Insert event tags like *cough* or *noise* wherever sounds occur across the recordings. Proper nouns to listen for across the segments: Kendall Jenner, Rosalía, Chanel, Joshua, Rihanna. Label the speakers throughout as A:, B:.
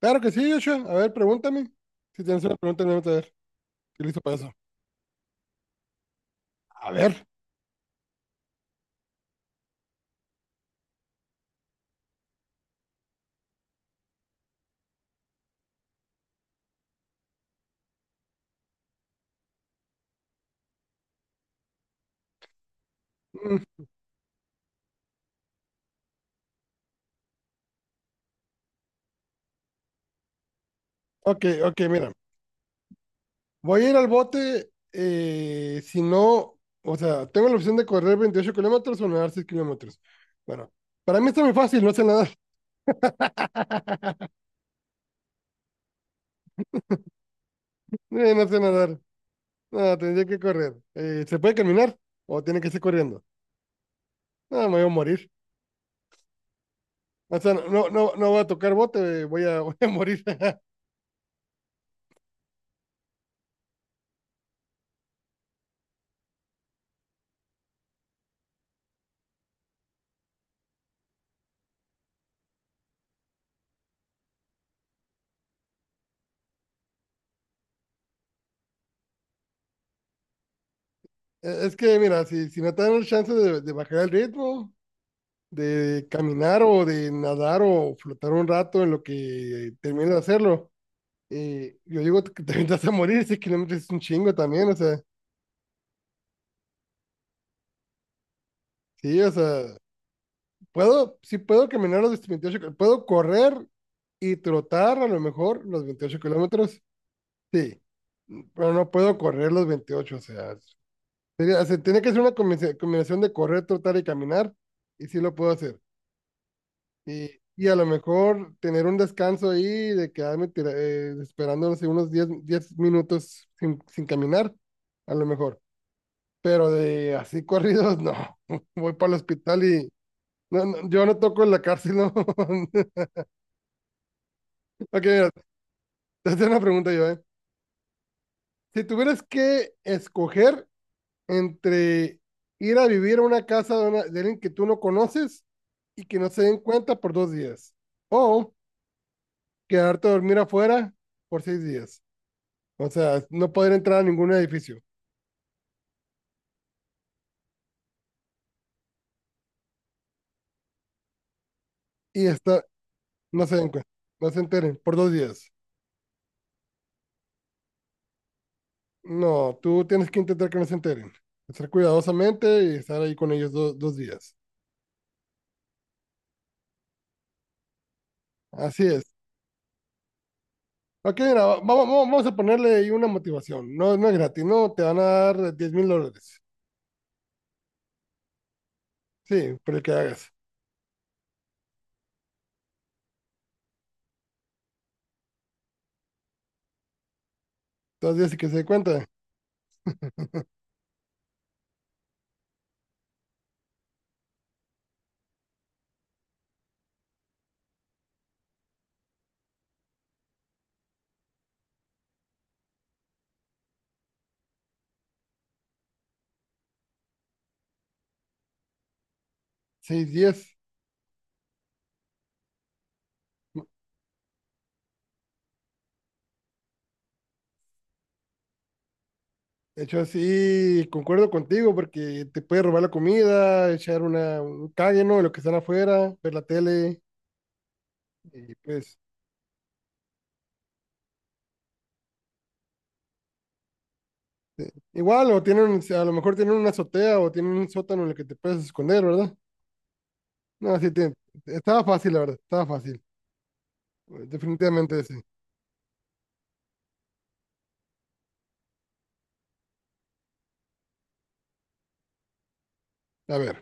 A: Claro que sí, Joshua. A ver, pregúntame. Si tienes una pregunta, me a ver. Estoy listo para eso. A ver. Mm, ok, ok, mira. Voy a ir al bote si no, o sea, tengo la opción de correr 28 kilómetros o nadar 6 kilómetros. Bueno, para mí está muy fácil, no sé nadar. *laughs* No sé nadar. No, tendría que correr. ¿Se puede caminar o tiene que ser corriendo? No, me voy a morir. O sea, no, no, no voy a tocar bote, voy a, *laughs* voy a morir. *laughs* Es que, mira, si, si no te dan el chance de bajar el ritmo, de caminar o de nadar o flotar un rato en lo que termino de hacerlo. Y yo digo que *laughs* te vas a morir, 6 kilómetros es un chingo también, o sea, sí, o sea, puedo, sí puedo caminar los 28 puedo correr y trotar a lo mejor los 28 kilómetros, sí, pero no puedo correr los 28, o sea, sería, o sea, tiene que ser una combinación de correr, trotar y caminar, y sí lo puedo hacer. Y, y a lo mejor tener un descanso ahí de quedarme esperando, no sé, unos diez minutos sin, sin caminar, a lo mejor. Pero de así corridos, no. *laughs* Voy para el hospital y no, no, yo no toco en la cárcel, no. *laughs* Ok, mira, te hacía una pregunta yo, ¿eh? Si tuvieras que escoger entre ir a vivir a una casa de, una- de alguien que tú no conoces y que no se den cuenta por 2 días, o quedarte a dormir afuera por 6 días. O sea, no poder entrar a ningún edificio. Y está, no se den cuenta, no se enteren por 2 días. No, tú tienes que intentar que no se enteren. Estar cuidadosamente y estar ahí con ellos 2 días. Así es. Ok, mira, vamos, vamos a ponerle ahí una motivación. No, no es gratis, no, te van a dar $10,000. Sí, por el que hagas. 2 días y que se dé cuenta. 6 días. De hecho, sí, concuerdo contigo porque te puede robar la comida, echar una, un cague, ¿no? Lo que están afuera, ver la tele. Y pues Igual, o tienen, si a lo mejor tienen una azotea o tienen un sótano en el que te puedes esconder, ¿verdad? No, sí, estaba fácil, la verdad, estaba fácil. Definitivamente sí. A ver,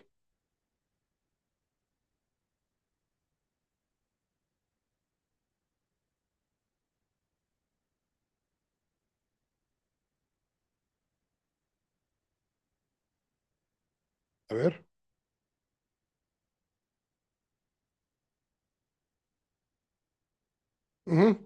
A: a ver. Ujú.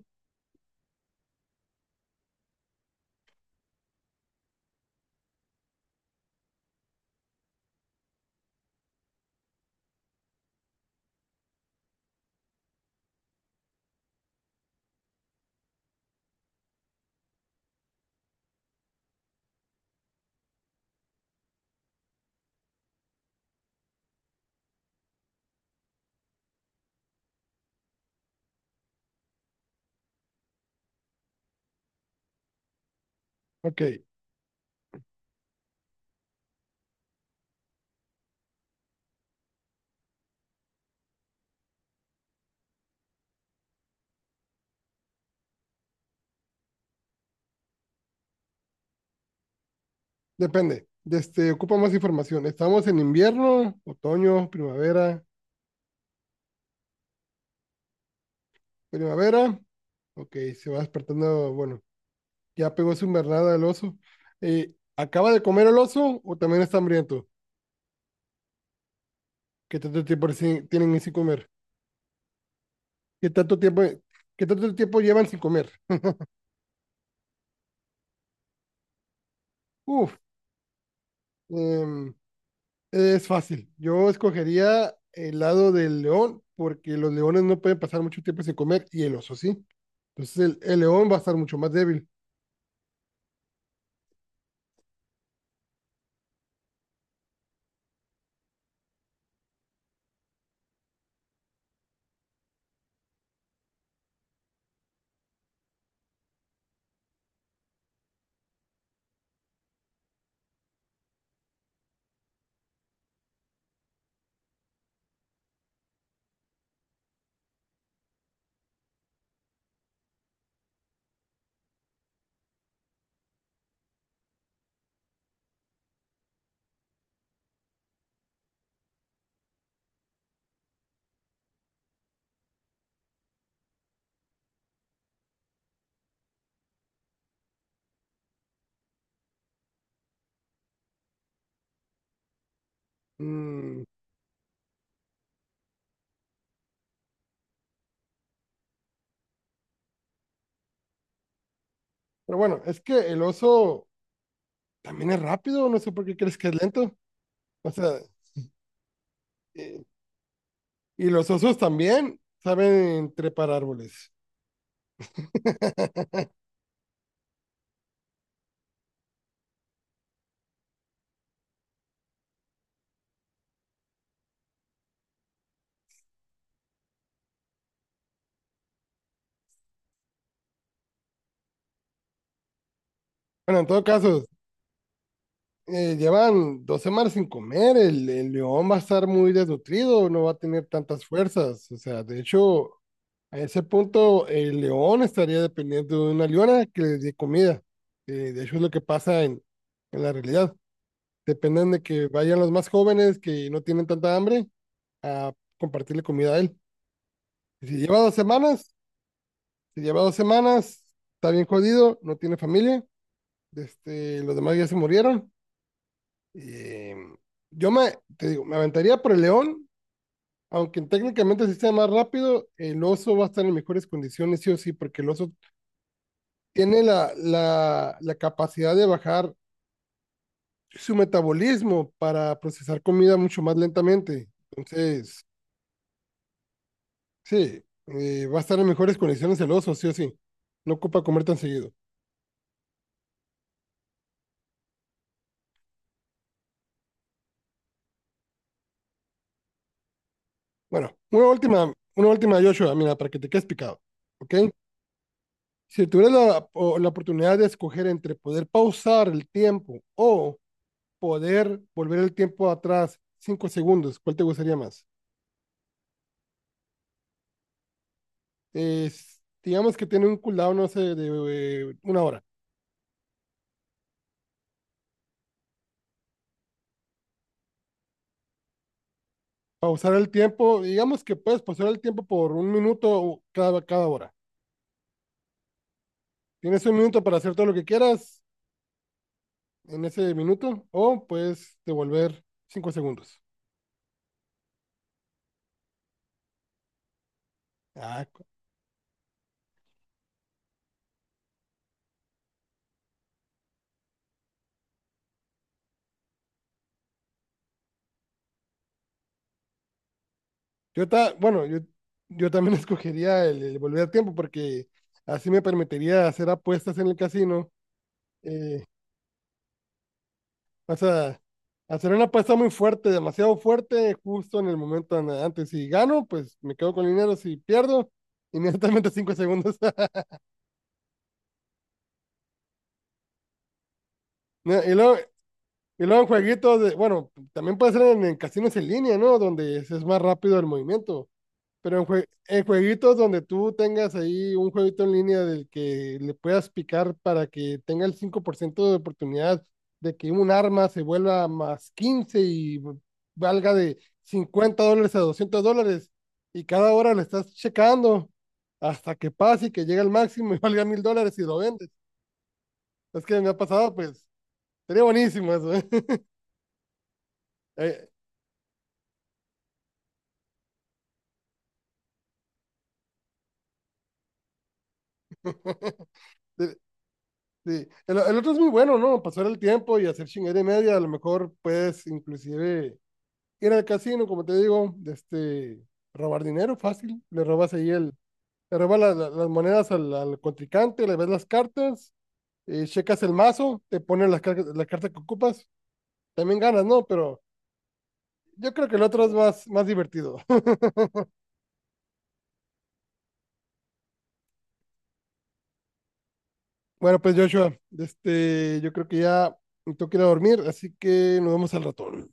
A: Ok, depende. Este, ocupa más información. ¿Estamos en invierno, otoño, primavera? Primavera. Ok, se va despertando, bueno, ya pegó su invernada el oso. ¿Acaba de comer el oso o también está hambriento? ¿Qué tanto tiempo tienen sin comer? ¿Qué tanto tiempo, qué tanto tiempo llevan sin comer? Uf. Em, es fácil. Yo escogería el lado del león, porque los leones no pueden pasar mucho tiempo sin comer y el oso sí. Entonces el león va a estar mucho más débil. Mm, pero bueno, es que el oso también es rápido, no sé por qué crees que es lento. O sea, eh, y los osos también saben trepar árboles. *laughs* Bueno, en todo caso, llevan 2 semanas sin comer, el león va a estar muy desnutrido, no va a tener tantas fuerzas, o sea, de hecho, a ese punto, el león estaría dependiendo de una leona que le dé comida. De hecho, es lo que pasa en la realidad. Dependen de que vayan los más jóvenes que no tienen tanta hambre a compartirle comida a él. Si lleva 2 semanas, si lleva dos semanas, está bien jodido, no tiene familia, este, los demás ya se murieron. Eh, yo me, te digo, me aventaría por el león, aunque técnicamente sí sea más rápido, el oso va a estar en mejores condiciones, sí o sí, porque el oso tiene la, la, la capacidad de bajar su metabolismo para procesar comida mucho más lentamente. Entonces, sí, va a estar en mejores condiciones el oso, sí o sí. No ocupa comer tan seguido. Bueno, una última, Joshua, mira, para que te quedes picado, ¿ok? Si tuvieras la, la oportunidad de escoger entre poder pausar el tiempo o poder volver el tiempo atrás 5 segundos, ¿cuál te gustaría más? Digamos que tiene un cooldown, no sé, de una hora. Pausar el tiempo, digamos que puedes pausar el tiempo por un minuto cada, cada hora. Tienes un minuto para hacer todo lo que quieras en ese minuto o puedes devolver 5 segundos. Ah, bueno, yo también *laughs* escogería el volver tiempo porque así me permitiría hacer apuestas en el casino. Eh, o sea, hacer una apuesta muy fuerte, demasiado fuerte, justo en el momento antes. Si gano, pues me quedo con el dinero. Si pierdo, inmediatamente 5 segundos. *laughs* No, y luego jueguitos de, bueno, también puede ser en casinos en línea, ¿no? Donde es más rápido el movimiento. Pero en, en jueguitos donde tú tengas ahí un jueguito en línea del que le puedas picar para que tenga el 5% de oportunidad de que un arma se vuelva más 15 y valga de $50 a $200. Y cada hora le estás checando hasta que pase y que llegue al máximo y *laughs* valga $1,000 y lo vendes. Es que me ha pasado, pues, sería buenísimo eso, ¿eh? *laughs* Eh, de- el otro es muy bueno, ¿no? Pasar el tiempo y hacer chingadera y media, a lo mejor puedes inclusive ir al casino, como te digo, de este, robar dinero fácil, le robas ahí el, le robas las monedas al, al contrincante, le ves las cartas, checas el mazo, te ponen las, la carta que ocupas, también ganas, ¿no? Pero yo creo que el otro es más, más divertido. *laughs* Bueno, pues Joshua, de este, yo creo que ya me tengo que ir a dormir, así que nos vemos al ratón.